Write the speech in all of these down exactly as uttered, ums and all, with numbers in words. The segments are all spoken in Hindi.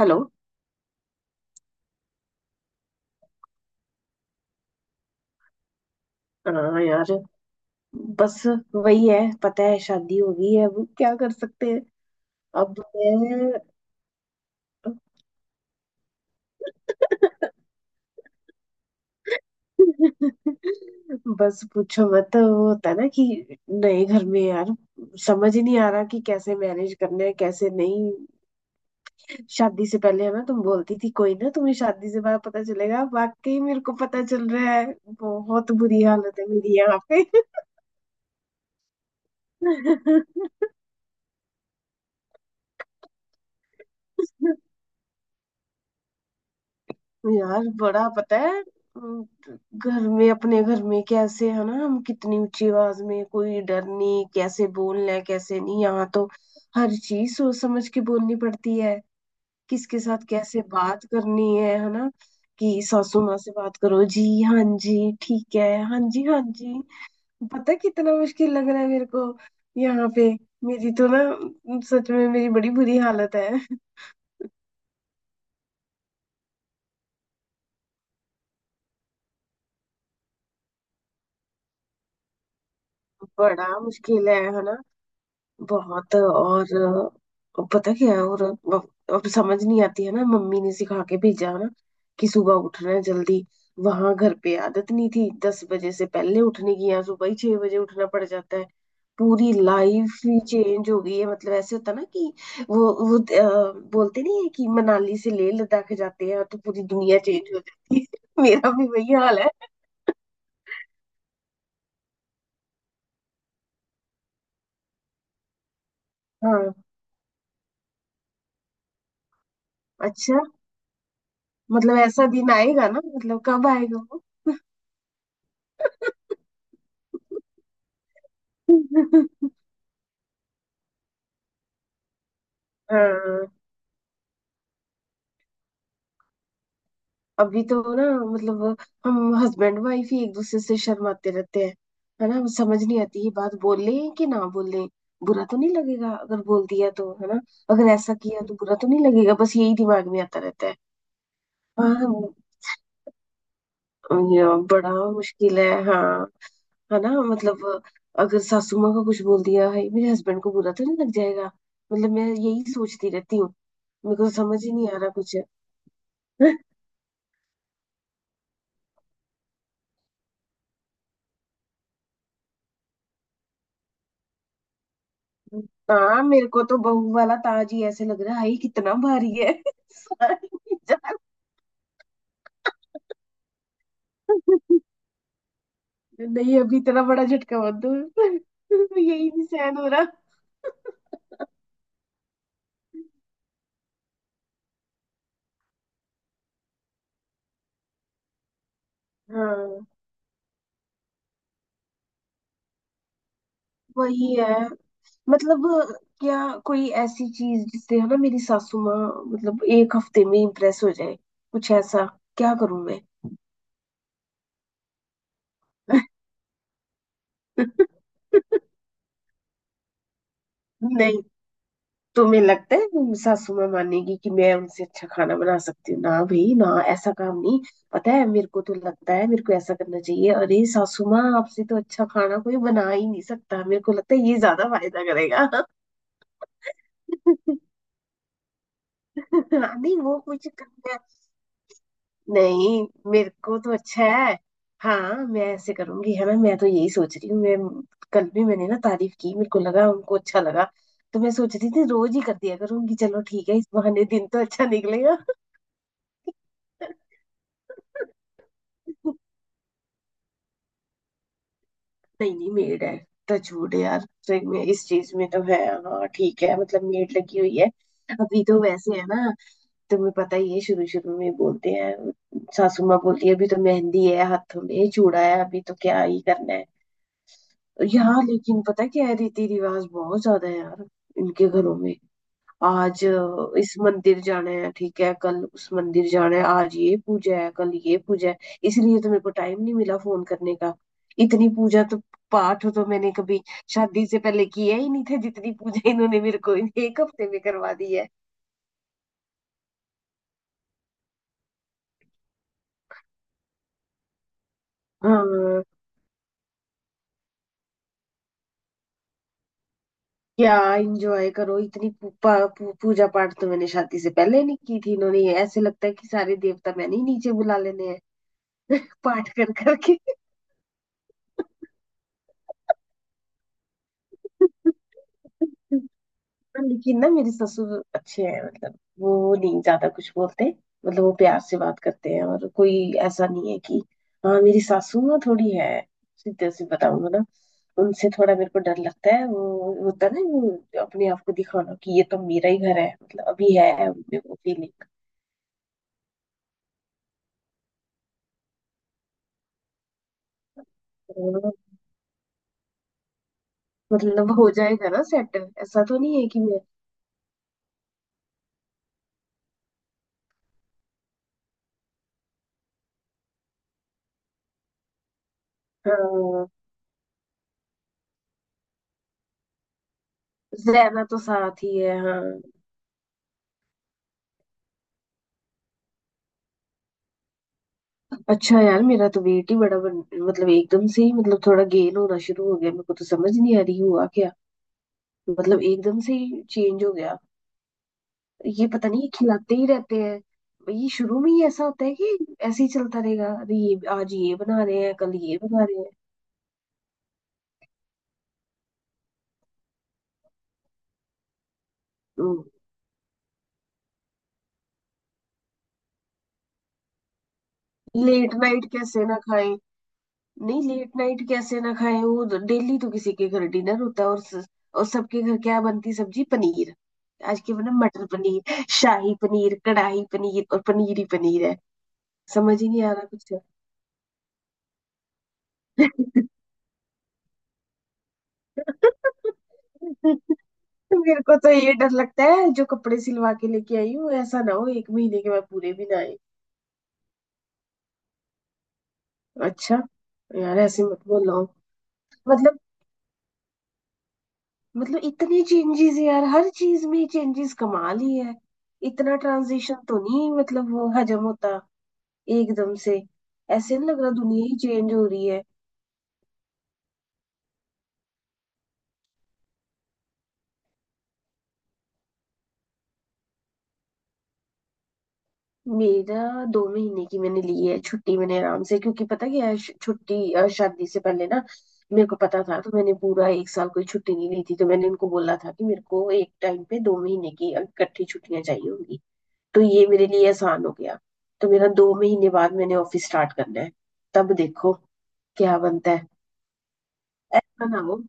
हेलो। अ, यार बस वही है, पता है शादी हो गई है, अब क्या कर सकते हैं। अब मैं बस पूछो मत। वो होता है ना कि नए घर में यार समझ ही नहीं आ रहा कि कैसे मैनेज करना है कैसे नहीं। शादी से पहले है ना तुम बोलती थी कोई ना तुम्हें शादी से बाद पता चलेगा, वाकई मेरे को पता चल रहा है। बहुत बुरी हालत है मेरी यहाँ पे। यार बड़ा, पता है, अम, घर में अपने घर में कैसे है ना, हम कितनी ऊंची आवाज में, कोई डर नहीं कैसे बोलना है कैसे नहीं। यहाँ तो हर चीज सोच समझ के बोलनी पड़ती है। किसके साथ कैसे बात करनी है है ना। कि सासू माँ से बात करो, जी हाँ जी ठीक है, हाँ जी हाँ जी। पता है कितना मुश्किल लग रहा है मेरे को यहाँ पे। मेरी तो ना सच में मेरी बड़ी बुरी हालत है। बड़ा मुश्किल है है ना। बहुत। और अ, पता क्या है, और अब अब समझ नहीं आती है ना, मम्मी ने सिखा के भेजा है ना कि सुबह उठना है जल्दी। वहां घर पे आदत नहीं थी दस बजे से पहले उठने की, यहाँ सुबह ही छह बजे उठना पड़ जाता है। पूरी लाइफ ही चेंज हो गई है। मतलब ऐसे होता ना कि वो वो अ, बोलते नहीं है कि मनाली से लेह लद्दाख जाते हैं तो पूरी दुनिया चेंज हो जाती है, मेरा भी वही हाल है। हाँ। अच्छा। मतलब ऐसा दिन आएगा ना, मतलब कब आएगा। वो हाँ। अभी तो ना, मतलब हम हस्बैंड वाइफ ही एक दूसरे से शर्माते रहते हैं, है ना। समझ नहीं आती ये बात बोल लें कि ना बोल लें। बुरा तो नहीं लगेगा अगर बोल दिया तो, है ना। अगर ऐसा किया तो बुरा तो नहीं लगेगा, बस यही दिमाग में आता रहता है। हाँ। ये बड़ा मुश्किल है, हाँ। है ना, मतलब अगर सासू माँ को कुछ बोल दिया, है मेरे हस्बैंड को बुरा तो नहीं लग जाएगा। मतलब मैं यही सोचती रहती हूँ। मेरे को तो समझ ही नहीं आ रहा कुछ। हाँ। मेरे को तो बहू वाला ताज ही ऐसे लग रहा है, "हाय, कितना भारी है" सारी जान। नहीं अभी इतना बड़ा झटका मत दो, यही नहीं सहन हो रहा। हाँ। वही है मतलब। क्या कोई ऐसी चीज जिससे है ना, मेरी सासू माँ मतलब एक हफ्ते में इम्प्रेस हो जाए, कुछ ऐसा क्या करूं मैं। नहीं, तुम्हें लगता है मेरी सासू माँ मानेगी कि मैं उनसे अच्छा खाना बना सकती हूँ? ना भाई ना, ऐसा काम नहीं। पता है मेरे को तो लगता है, मेरे को ऐसा करना चाहिए, अरे सासू माँ आपसे तो अच्छा खाना कोई बना ही नहीं सकता, मेरे को लगता है ये ज्यादा फायदा करेगा। हाँ, नहीं वो कुछ करना नहीं। मेरे को तो अच्छा है। हाँ मैं ऐसे करूंगी है ना, मैं तो यही सोच रही हूँ। मैं कल भी मैंने ना तारीफ की, मेरे को लगा उनको अच्छा लगा, तो मैं सोच रही थी रोज ही कर दिया करूंगी। चलो ठीक है, इस बहाने दिन तो अच्छा निकलेगा। नहीं नहीं मेड है, टचवुड यार। सही में इस चीज में तो है। हाँ ठीक है, मतलब मेड लगी हुई है। अभी तो वैसे है ना, तुम्हें पता ही है शुरू शुरू में बोलते हैं, सासू माँ बोलती है अभी तो मेहंदी है हाथों में, चूड़ा है, अभी तो क्या ही करना है। यहाँ लेकिन पता है क्या है, रीति रिवाज बहुत ज्यादा है यार इनके घरों में। आज अ, इस मंदिर जाना है, ठीक है कल उस मंदिर जाना है, आज ये पूजा है कल ये पूजा है। इसलिए तो मेरे को टाइम नहीं मिला फोन करने का। इतनी पूजा तो, पाठ तो मैंने कभी शादी से पहले किया ही नहीं था, जितनी पूजा इन्होंने मेरे को इन- एक हफ्ते में करवा दी है। हाँ। क्या एंजॉय करो, इतनी पू, पा, पू, पूजा पाठ तो मैंने शादी से पहले नहीं की थी, इन्होंने ये ऐसे लगता है कि सारे देवता मैंने ही नीचे बुला लेने हैं पाठ कर करके। पर लेकिन ना मेरे ससुर अच्छे हैं, मतलब वो नहीं ज्यादा कुछ बोलते, मतलब वो प्यार से बात करते हैं, और कोई ऐसा नहीं है कि। हाँ मेरी सासू ना थोड़ी है, सीधे से बताऊंगा ना, उनसे थोड़ा मेरे को डर लगता है। वो होता है ना, वो अपने आप को दिखाना कि ये तो मेरा ही घर है, मतलब अभी है उनमें वो फीलिंग। हाँ, मतलब हो जाएगा ना सेट, ऐसा तो नहीं है कि मैं। हाँ रहना तो साथ ही है हाँ। अच्छा यार मेरा तो वेट ही बड़ा बन, मतलब एकदम से ही, मतलब थोड़ा गेन होना शुरू हो गया, मेरे को तो समझ नहीं आ रही हुआ क्या, मतलब एकदम से ही चेंज हो गया। ये पता नहीं, ये खिलाते ही रहते हैं, ये शुरू में ही ऐसा होता है कि ऐसे ही चलता रहेगा, अरे ये आज ये बना रहे हैं कल ये बना रहे हैं। लेट नाइट कैसे ना खाएं? नहीं लेट नाइट कैसे ना खाए, वो डेली तो किसी के घर डिनर होता है, और स- और सबके घर क्या बनती, सब्जी पनीर, आज के बना मटर पनीर शाही पनीर कढ़ाई पनीर और पनीर ही पनीर है। समझ ही नहीं आ रहा कुछ। मेरे को तो ये डर लगता है जो कपड़े सिलवा के लेके आई हूँ, ऐसा ना हो एक महीने के बाद पूरे भी ना आए। अच्छा। यार ऐसे मत बोलो, मतलब मतलब इतने चेंजेस यार, हर चीज में चेंजेस कमाल ही है, इतना ट्रांजिशन तो नहीं मतलब वो हजम होता एकदम से। ऐसे नहीं लग रहा दुनिया ही चेंज हो रही है। मेरा दो महीने की मैंने ली है छुट्टी, मैंने आराम से, क्योंकि पता क्या है, श- छुट्टी अ, शादी से पहले ना मेरे को पता था, तो मैंने पूरा एक साल कोई छुट्टी नहीं ली थी, तो मैंने उनको बोला था कि मेरे को एक टाइम पे दो महीने की इकट्ठी छुट्टियां चाहिए होंगी, तो ये मेरे लिए आसान हो गया। तो मेरा दो महीने बाद मैंने ऑफिस स्टार्ट करना है, तब देखो क्या बनता है। ऐसा ना हो।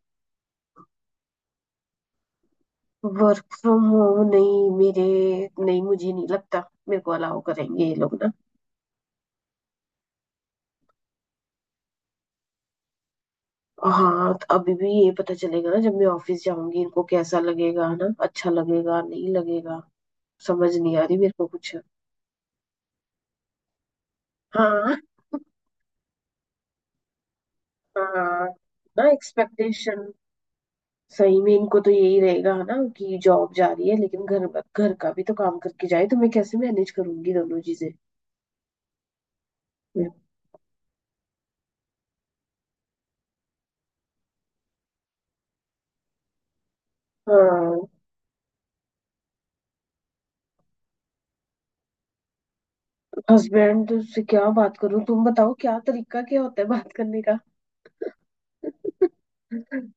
वर्क फ्रॉम होम नहीं मेरे, नहीं मुझे नहीं लगता मेरे को अलाउ करेंगे ये लोग ना। हाँ तो अभी भी ये पता चलेगा ना जब मैं ऑफिस जाऊंगी, इनको कैसा लगेगा ना, अच्छा लगेगा नहीं लगेगा। समझ नहीं आ रही मेरे को कुछ। हाँ। हाँ ना, एक्सपेक्टेशन सही में इनको तो यही रहेगा ना कि जॉब जा रही है, लेकिन घर, घर का भी तो काम करके जाए, तो मैं कैसे मैनेज करूंगी दोनों चीजें। हाँ। हस्बैंड से क्या बात करूं, तुम बताओ क्या तरीका क्या होता है बात करने का।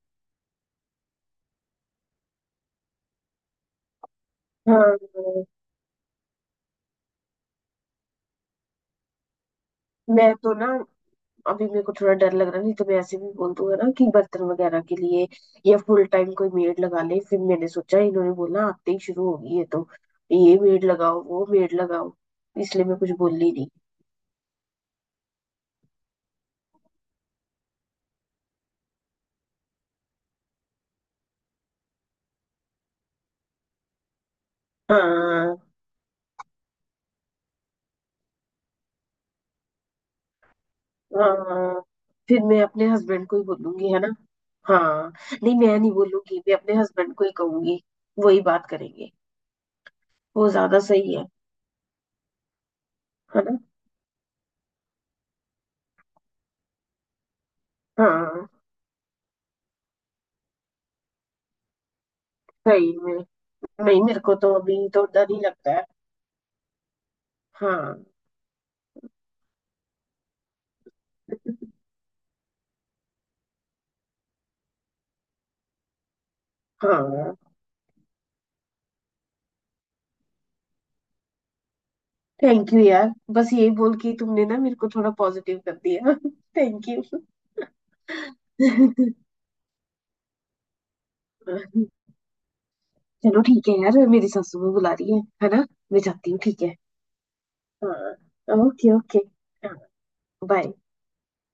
हाँ। मैं तो ना अभी मेरे को थोड़ा डर लग रहा है, नहीं तो मैं ऐसे भी बोल दूंगा ना कि बर्तन वगैरह के लिए या फुल टाइम कोई मेड लगा ले, फिर मैंने सोचा इन्होंने बोला आते ही शुरू होगी ये तो, ये मेड लगाओ वो मेड लगाओ, इसलिए मैं कुछ बोली नहीं। हाँ। हाँ फिर मैं अपने हस्बैंड को ही बोलूंगी है ना। हाँ। नहीं मैं नहीं बोलूंगी, मैं अपने हस्बैंड को ही कहूंगी, वही बात करेंगे, वो ज्यादा सही है। है ना। हाँ सही में। नहीं मेरे को तो अभी तो डर ही लगता है। हाँ। हाँ। थैंक यू यार, बस यही बोल के तुमने ना मेरे को थोड़ा पॉजिटिव कर दिया, थैंक यू। चलो ठीक है यार मेरी सासू माँ बुला रही है है ना। मैं जाती हूँ ठीक है। हाँ ओके ओके। बाय।